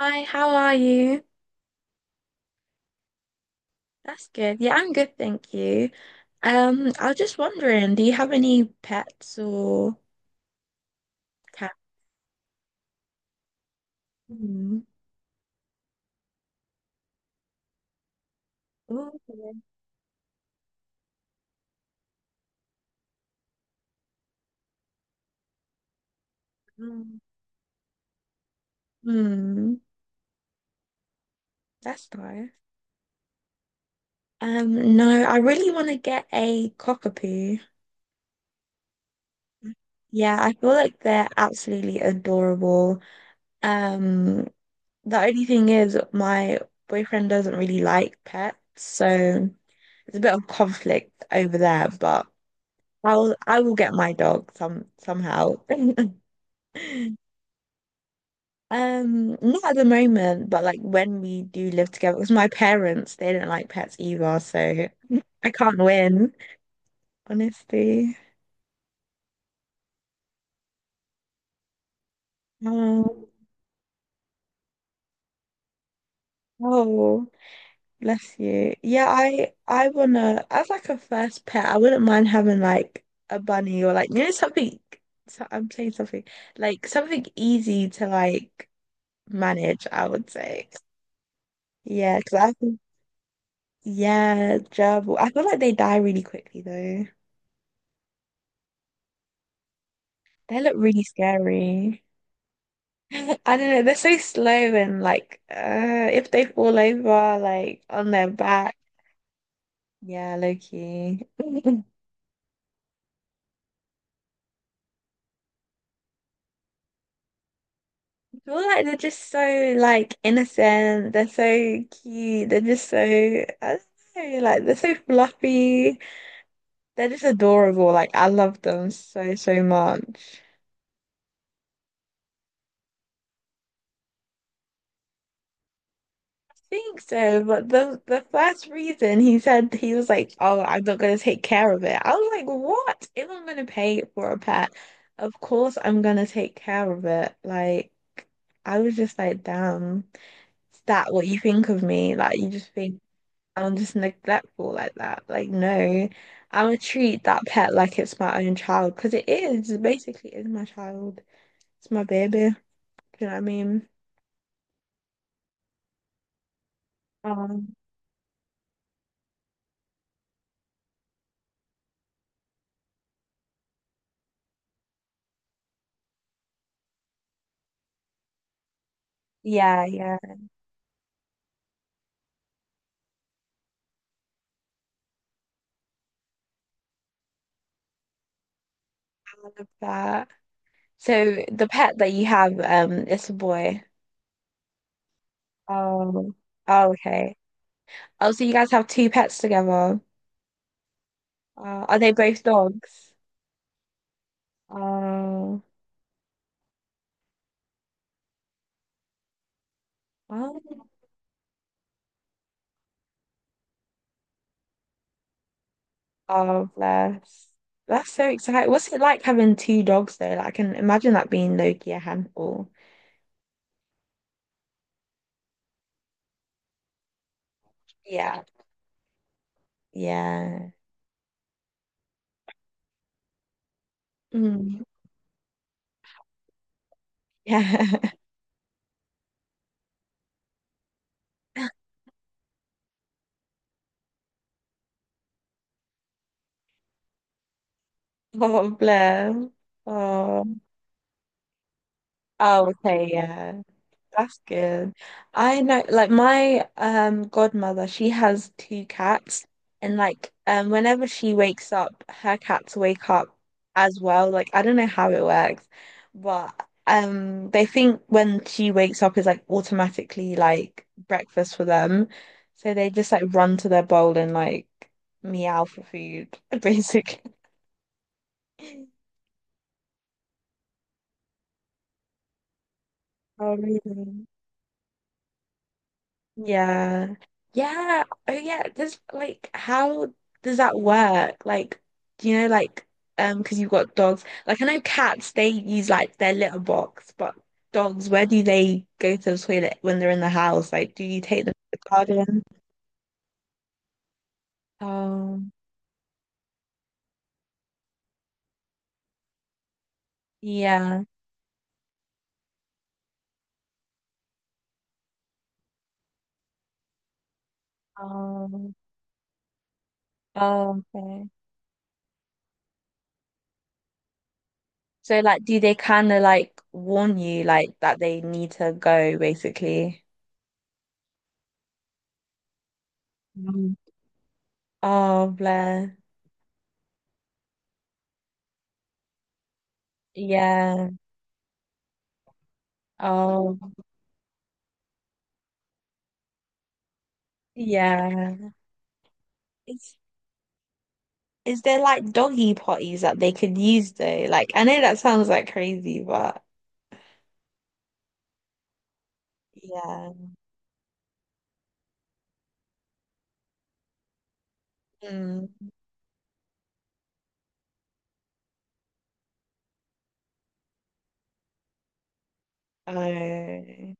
Hi, how are you? That's good. Yeah, I'm good, thank you. I was just wondering, do you have any pets or cats? Hmm. Ooh, yeah. Hmm. Hmm. That's nice. No, I really want to get a cockapoo. Yeah, I feel like they're absolutely adorable. Um, the only thing is my boyfriend doesn't really like pets, so there's a bit of conflict over there, but I will get my dog somehow. Not at the moment, but like when we do live together, because my parents they don't like pets either, so I can't win, honestly. Um, oh, bless you. Yeah, I wanna, as like a first pet, I wouldn't mind having like a bunny or like something. So I'm saying something like something easy to like manage, I would say. Yeah, because. Yeah, gerbil. I feel like they die really quickly though. They look really scary. I don't know, they're so slow and like if they fall over like on their back, yeah, low key. I feel like they're just so like innocent, they're so cute, they're just so I don't know, like they're so fluffy. They're just adorable. Like I love them so so much. Think so, but the first reason he said he was like, "Oh, I'm not gonna take care of it." I was like, "What? If I'm gonna pay for a pet, of course I'm gonna take care of it." Like, I was just like, "Damn, is that what you think of me? Like, you just think I'm just neglectful like that? Like, no, I'm gonna treat that pet like it's my own child because it is, basically it's my child. It's my baby. Do you know what I mean?" Um, yeah, yeah, I love that. So the pet that you have, is a boy. Oh, oh, okay. Oh, so you guys have two pets together. Uh, are they both dogs? Oh, oh, oh, bless. That's so exciting. What's it like having two dogs though? Like, I can imagine that being low a handful. Yeah, yeah, mm. Yeah. Oh, bless. Oh, oh, okay, yeah. That's good. I know, like my godmother, she has two cats, and like whenever she wakes up, her cats wake up as well. Like I don't know how it works, but they think when she wakes up is like automatically like breakfast for them, so they just like run to their bowl and like meow for food, basically. Oh, really? Yeah. Yeah. Oh yeah. Just like how does that work? Like, do you know like because you've got dogs. Like I know cats they use like their litter box, but dogs, where do they go to the toilet when they're in the house? Like, do you take them to the garden? Oh, yeah. Um, oh, okay. So like do they kind of like warn you like that they need to go basically? Mm. Oh, bless. Yeah. Oh. Yeah. Is is there like doggy potties that they could use though? Like I know that sounds like crazy, but yeah. Mm. Oh.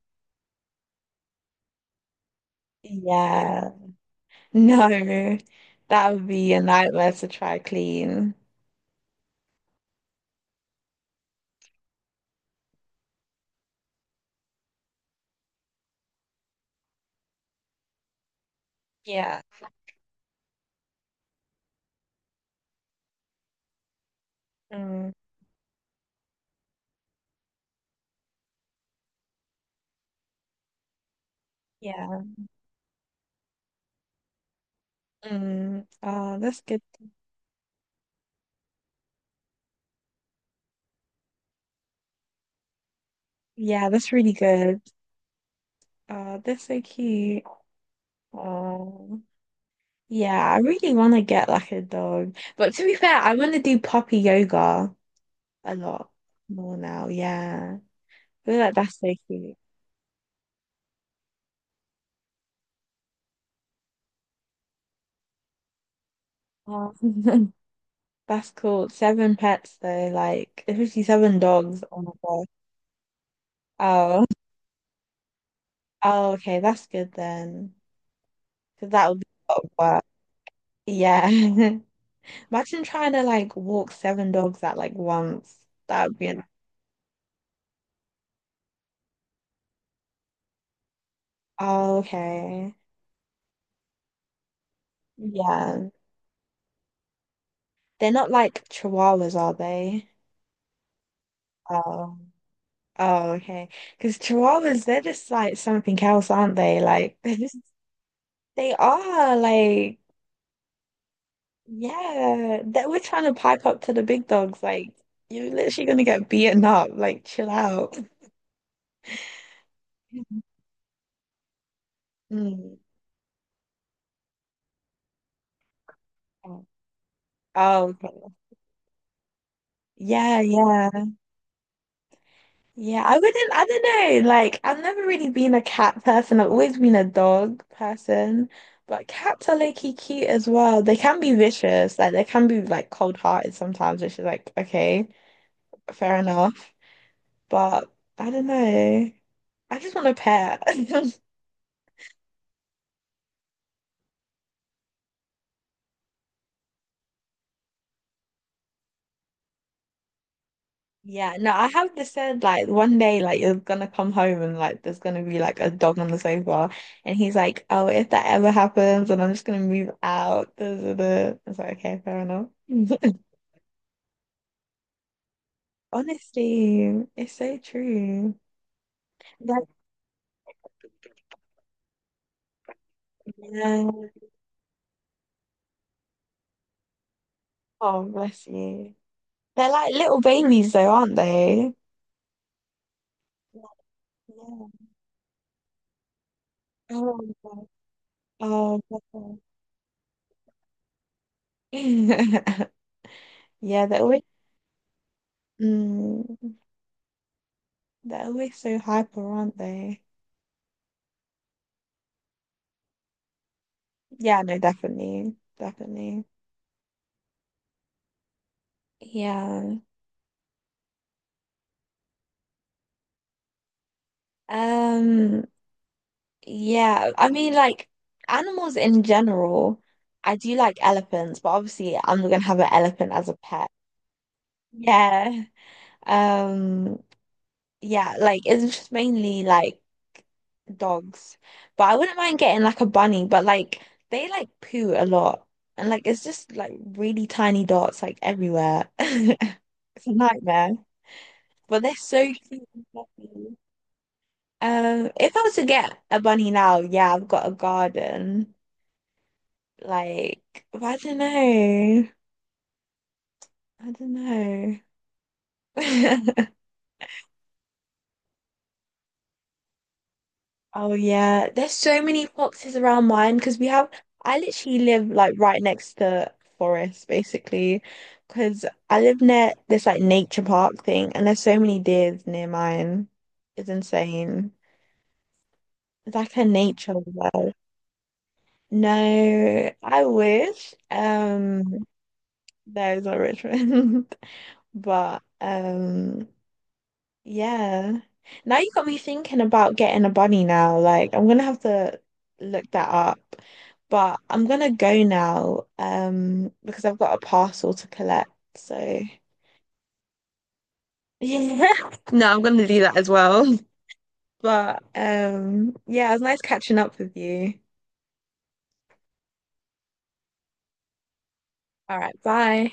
Yeah. No. That would be a nightmare to try clean. Yeah. Mm. Yeah. Mm. Oh, that's good. Yeah, that's really good. Oh, that's so cute. Oh. Yeah, I really want to get like a dog. But to be fair, I want to do puppy yoga a lot more now. Yeah, I feel like that's so cute. Oh, that's cool. Seven pets though, like 57 dogs. Oh my God. Oh, oh, okay, that's good then, because that would be a lot of work. Yeah, imagine trying to like walk seven dogs at like once. That would be an. Oh, okay. Yeah, they're not like chihuahuas, are they? Oh, oh, okay. Because chihuahuas, they're just like something else, aren't they? Like they're just. They are like, yeah, that we're trying to pipe up to the big dogs. Like, you're literally gonna get beaten up. Like, chill out. Mm. Oh, okay. Yeah, yeah. Yeah, I wouldn't, I don't know. Like, I've never really been a cat person. I've always been a dog person. But cats are low-key cute as well. They can be vicious. Like, they can be, like, cold-hearted sometimes, which is like, okay, fair enough. But I don't know. I just want a pet. Yeah, no, I have just said like one day like you're gonna come home and like there's gonna be like a dog on the sofa and he's like, "Oh, if that ever happens and I'm just gonna move out. Da, da, da." It's like okay, fair enough. Honestly, it's so true. That yeah. Oh, bless you. They're like little babies though, aren't they? Yeah. Yeah. Oh, my God. Oh, bless them. Yeah, they're always mm, they're always so hyper, aren't they? Yeah, no, definitely. Definitely. Yeah. Um, yeah, I mean like animals in general, I do like elephants, but obviously I'm not gonna have an elephant as a pet. Yeah. Um, yeah, like it's just mainly like dogs. But I wouldn't mind getting like a bunny, but like they like poo a lot. And like it's just like really tiny dots like everywhere. It's a nightmare. But they're so cute and fluffy. If I was to get a bunny now, yeah, I've got a garden. Like, but I don't know. I don't know. Oh yeah, there's so many foxes around mine because we have. I literally live like right next to forest, basically, because I live near this like nature park thing, and there's so many deers near mine. It's insane. It's like a nature world. No, I wish. There's a Richmond. But yeah. Now you got me thinking about getting a bunny now. Like I'm gonna have to look that up. But I'm gonna go now, because I've got a parcel to collect. So yeah. No, I'm gonna do that as well. But yeah, it was nice catching up with you. All right, bye.